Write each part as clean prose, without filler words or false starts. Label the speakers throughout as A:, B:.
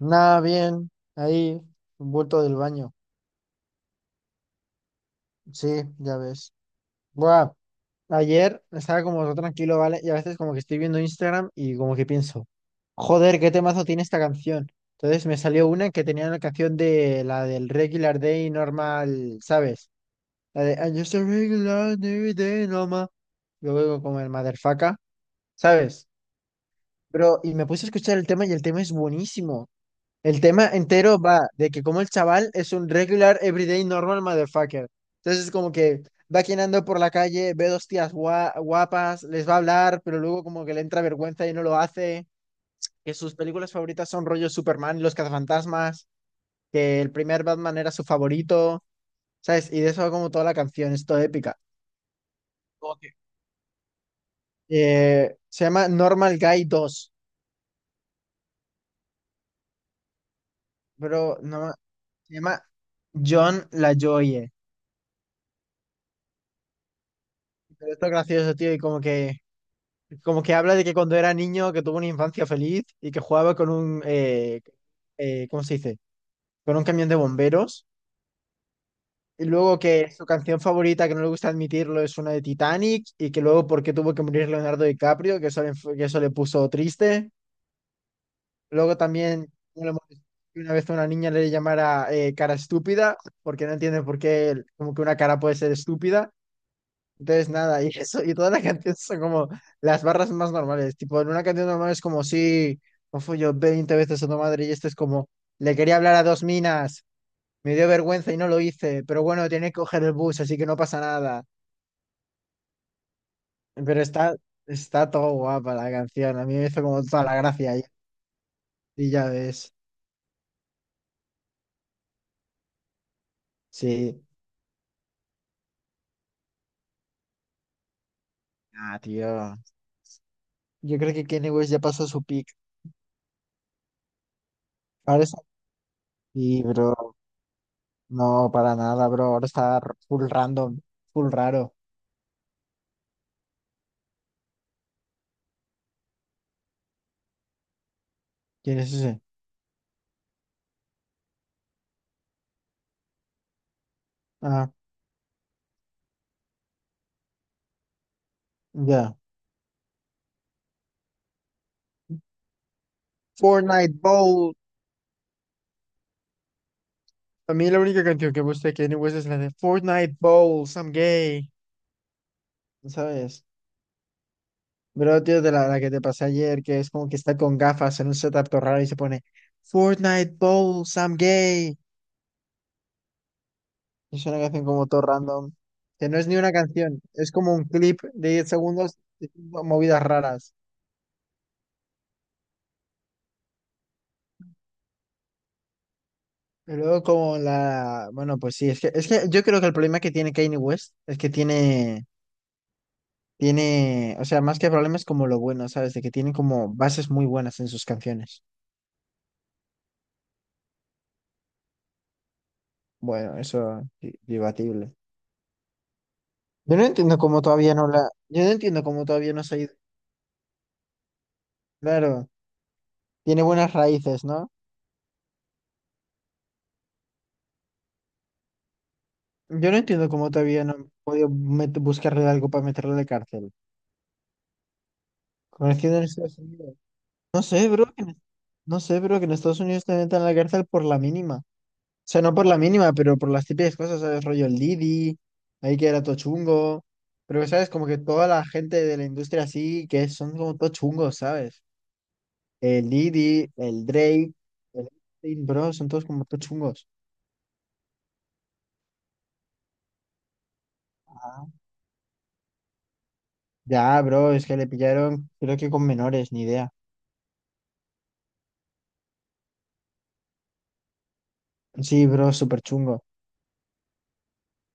A: Nada, bien, ahí, un bulto del baño. Sí, ya ves. Buah, ayer estaba como todo tranquilo, ¿vale? Y a veces como que estoy viendo Instagram y como que pienso, joder, qué temazo tiene esta canción. Entonces me salió una que tenía la canción de la del Regular Day Normal, ¿sabes? La de I'm just a regular day normal. Luego como el Motherfucker, ¿sabes? Pero, y me puse a escuchar el tema y el tema es buenísimo. El tema entero va de que como el chaval es un regular, everyday, normal motherfucker. Entonces como que va caminando por la calle, ve dos tías guapas, les va a hablar, pero luego como que le entra vergüenza y no lo hace. Que sus películas favoritas son rollo Superman y los cazafantasmas, que el primer Batman era su favorito, ¿sabes? Y de eso va como toda la canción, es toda épica. Como que- Se llama Normal Guy 2, pero no, se llama John LaJoie. Pero esto es gracioso, tío, y como que... Como que habla de que cuando era niño, que tuvo una infancia feliz y que jugaba con un, ¿cómo se dice? Con un camión de bomberos. Y luego que su canción favorita, que no le gusta admitirlo, es una de Titanic. Y que luego porque tuvo que morir Leonardo DiCaprio, que eso le, que eso le puso triste. Luego también no una vez una niña le llamara cara estúpida, porque no entiende por qué como que una cara puede ser estúpida. Entonces, nada, y eso, y todas las canciones son como las barras más normales. Tipo, en una canción normal es como, sí, no fui yo 20 veces a tu madre, y este es como, le quería hablar a dos minas, me dio vergüenza y no lo hice, pero bueno, tiene que coger el bus, así que no pasa nada. Pero está todo guapa la canción, a mí me hizo como toda la gracia, y ya ves, sí. Ah, tío, yo creo que Kanye West ya pasó su peak. Ahora está, sí, bro, no, para nada, bro, ahora está full random, full raro. ¿Quién es ese? Ah. Ya. Fortnite Bowl. A mí la única canción que me gusta de Kanye West es la de Fortnite Bowl, I'm gay. ¿Sabes? Pero tío, de la que te pasé ayer, que es como que está con gafas en un setup todo raro y se pone Fortnite Bowl, I'm gay. Es una canción como todo random, que no es ni una canción, es como un clip de 10 segundos diciendo movidas raras. Y luego como la... Bueno, pues sí, es que yo creo que el problema que tiene Kanye West es que tiene... Tiene, o sea, más que problemas como lo bueno, ¿sabes? De que tiene como bases muy buenas en sus canciones. Bueno, eso debatible. Yo no entiendo cómo todavía no la, yo no entiendo cómo todavía no se ha ido. Claro, tiene buenas raíces, ¿no? Yo no entiendo cómo todavía no han podido buscarle algo para meterlo de cárcel. Conociendo en Estados Unidos. No sé, bro, que en- No sé, bro, que en Estados Unidos te metan a la cárcel por la mínima. O sea, no por la mínima, pero por las típicas cosas, ¿sabes? Rollo el Didi, ahí que era todo chungo. Pero, ¿sabes? Como que toda la gente de la industria así, que son como todo chungos, ¿sabes? El Didi, el Drake, el Epstein, bro, son todos como todo chungos. Ah. Ya, bro, es que le pillaron, creo que con menores, ni idea. Sí, bro, súper chungo.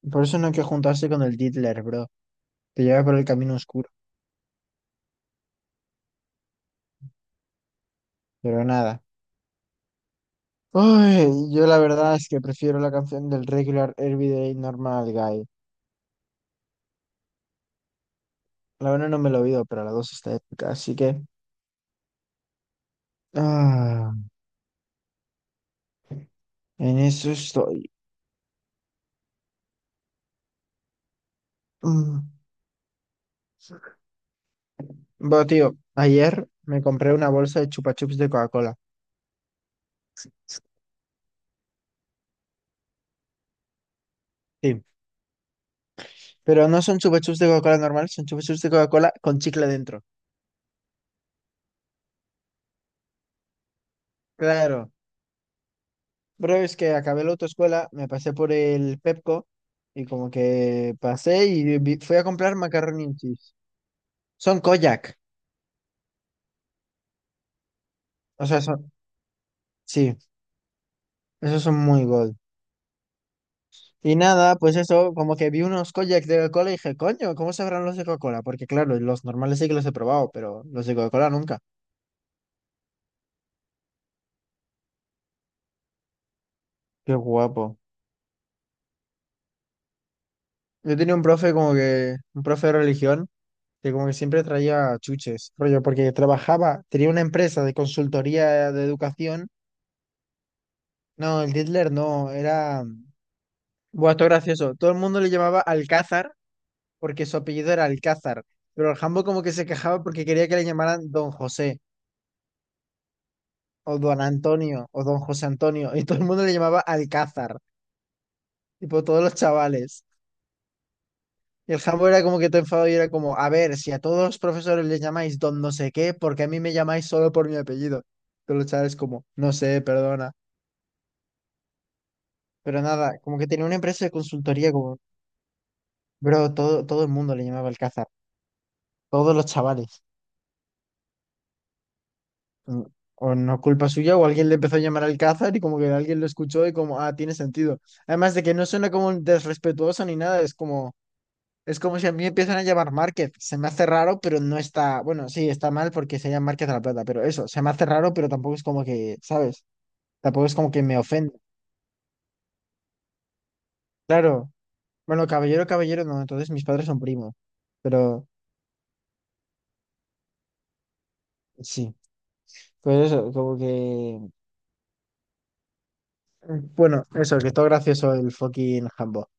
A: Por eso no hay que juntarse con el Diddler, bro. Te lleva por el camino oscuro. Pero nada. Uy, yo la verdad es que prefiero la canción del Regular Everyday Normal Guy. La una no me la he oído, pero la dos está épica, así que ah, en eso estoy. Mm. Bueno, tío, ayer me compré una bolsa de chupa chups de Coca-Cola. Sí, pero no son chupa chups de Coca-Cola normal, son chupa chups de Coca-Cola con chicle dentro. Claro, pero es que acabé la autoescuela, me pasé por el Pepco y como que pasé y fui a comprar macaroni and cheese. Son Kojak, o sea, son, sí, esos son muy gold. Y nada, pues eso, como que vi unos kojak de Coca-Cola y dije, coño, ¿cómo sabrán los de Coca-Cola? Porque claro, los normales sí que los he probado, pero los de Coca-Cola nunca. Qué guapo. Yo tenía un profe como que, un profe de religión, que como que siempre traía chuches, rollo, porque trabajaba, tenía una empresa de consultoría de educación. No, el Hitler no, era... Buah, esto es gracioso. Todo el mundo le llamaba Alcázar, porque su apellido era Alcázar, pero el jambo como que se quejaba porque quería que le llamaran Don José, o don Antonio, o don José Antonio, y todo el mundo le llamaba Alcázar, tipo todos los chavales. Y el jambo era como que te enfado y era como, a ver, si a todos los profesores les llamáis don no sé qué, porque a mí me llamáis solo por mi apellido. Todos los chavales como, no sé, perdona. Pero nada, como que tenía una empresa de consultoría como, bro, todo, todo el mundo le llamaba Alcázar, todos los chavales. Mm. O no culpa suya, o alguien le empezó a llamar Alcázar y como que alguien lo escuchó y como, ah, tiene sentido. Además de que no suena como un desrespetuoso ni nada, es como... Es como si a mí empiezan a llamar Márquez. Se me hace raro, pero no está. Bueno, sí, está mal porque se llama Márquez de la Plata, pero eso, se me hace raro, pero tampoco es como que, ¿sabes? Tampoco es como que me ofende. Claro. Bueno, caballero, caballero, no, entonces mis padres son primos. Pero sí, pues eso, como que. Bueno, eso, que todo gracioso el fucking Hambo.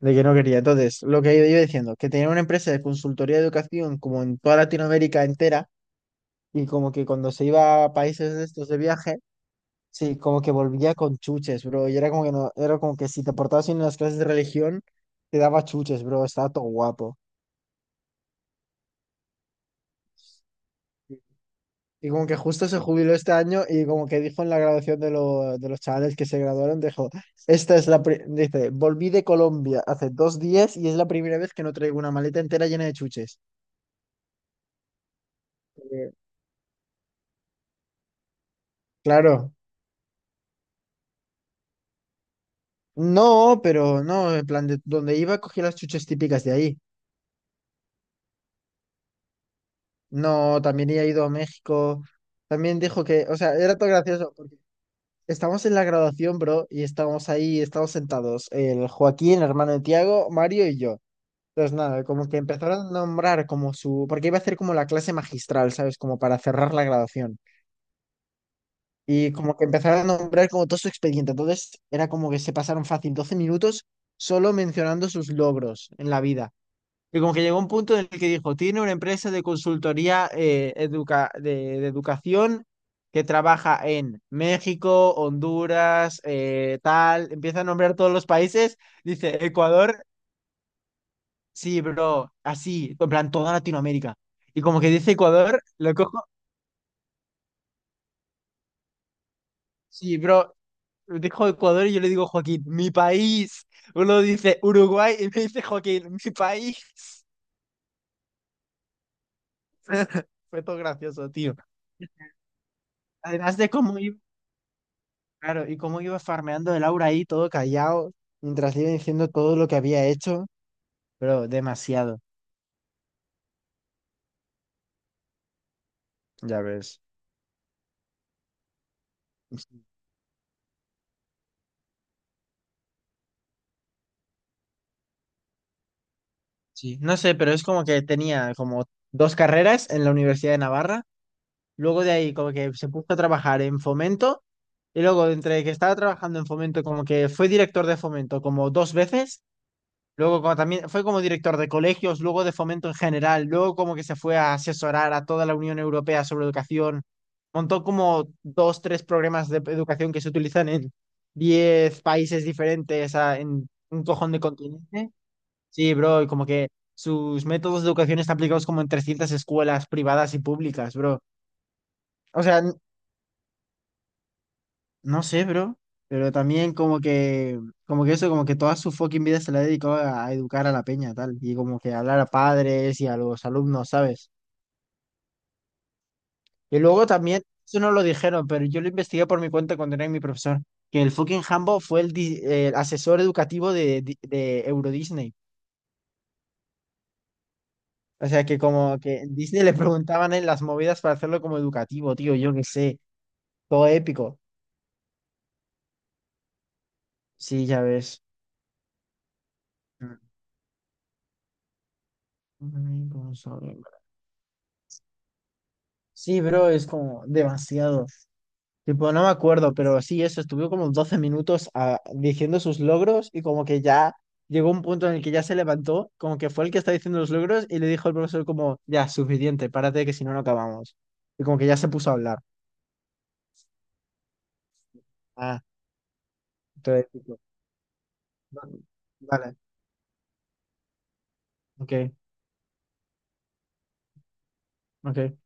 A: De que no quería. Entonces, lo que yo iba diciendo, que tenía una empresa de consultoría de educación como en toda Latinoamérica entera, y como que cuando se iba a países de estos de viaje. Sí, como que volvía con chuches, bro. Y era como que no, era como que si te portabas bien en las clases de religión, te daba chuches, bro. Estaba todo guapo. Y como que justo se jubiló este año y como que dijo en la graduación de, de los chavales que se graduaron, dijo, esta es la, dice, volví de Colombia hace 2 días y es la primera vez que no traigo una maleta entera llena de chuches. Eh, Claro. No, pero no, en plan, de donde iba cogí las chuches típicas de ahí. No, también he ido a México. También dijo que, o sea, era todo gracioso. Estamos en la graduación, bro, y estamos ahí, estamos sentados, el Joaquín, el hermano de Tiago, Mario y yo. Entonces, nada, como que empezaron a nombrar como su, porque iba a hacer como la clase magistral, ¿sabes? Como para cerrar la graduación. Y como que empezaron a nombrar como todo su expediente. Entonces, era como que se pasaron fácil 12 minutos solo mencionando sus logros en la vida. Y como que llegó un punto en el que dijo, tiene una empresa de consultoría de educación que trabaja en México, Honduras, tal, empieza a nombrar todos los países, dice Ecuador, sí, bro, así, en plan toda Latinoamérica. Y como que dice Ecuador, lo cojo, sí, bro, dijo Ecuador y yo le digo Joaquín, mi país. Uno dice Uruguay y me dice Joaquín, mi país. Fue todo gracioso, tío. Además de cómo iba. Claro, y cómo iba farmeando el aura ahí todo callado, mientras le iba diciendo todo lo que había hecho, pero demasiado, ya ves. Sí, no sé, pero es como que tenía como dos carreras en la Universidad de Navarra, luego de ahí como que se puso a trabajar en Fomento, y luego entre que estaba trabajando en Fomento como que fue director de Fomento como 2 veces. Luego como también fue como director de colegios, luego de fomento en general, luego como que se fue a asesorar a toda la Unión Europea sobre educación. Montó como dos, tres programas de educación que se utilizan en 10 países diferentes, en un cojón de continente. Sí, bro, y como que sus métodos de educación están aplicados como en 300 escuelas privadas y públicas, bro. O sea, no sé, bro, pero también como que eso, como que toda su fucking vida se la ha dedicado a educar a la peña, tal, y como que hablar a padres y a los alumnos, ¿sabes? Y luego también, eso no lo dijeron, pero yo lo investigué por mi cuenta cuando era mi profesor, que el fucking Hambo fue el, el asesor educativo de, de Euro Disney. O sea, que como que en Disney le preguntaban en las movidas para hacerlo como educativo, tío, yo qué sé, todo épico. Sí, ya ves. Mm. Sí, bro, es como demasiado. Tipo, no me acuerdo, pero sí, eso, estuvo como 12 minutos diciendo sus logros y como que ya llegó un punto en el que ya se levantó, como que fue el que está diciendo los logros y le dijo al profesor como, ya, suficiente, párate que si no, no acabamos. Y como que ya se puso a hablar. Ah, entonces, tipo, "No, vale, ok, ok.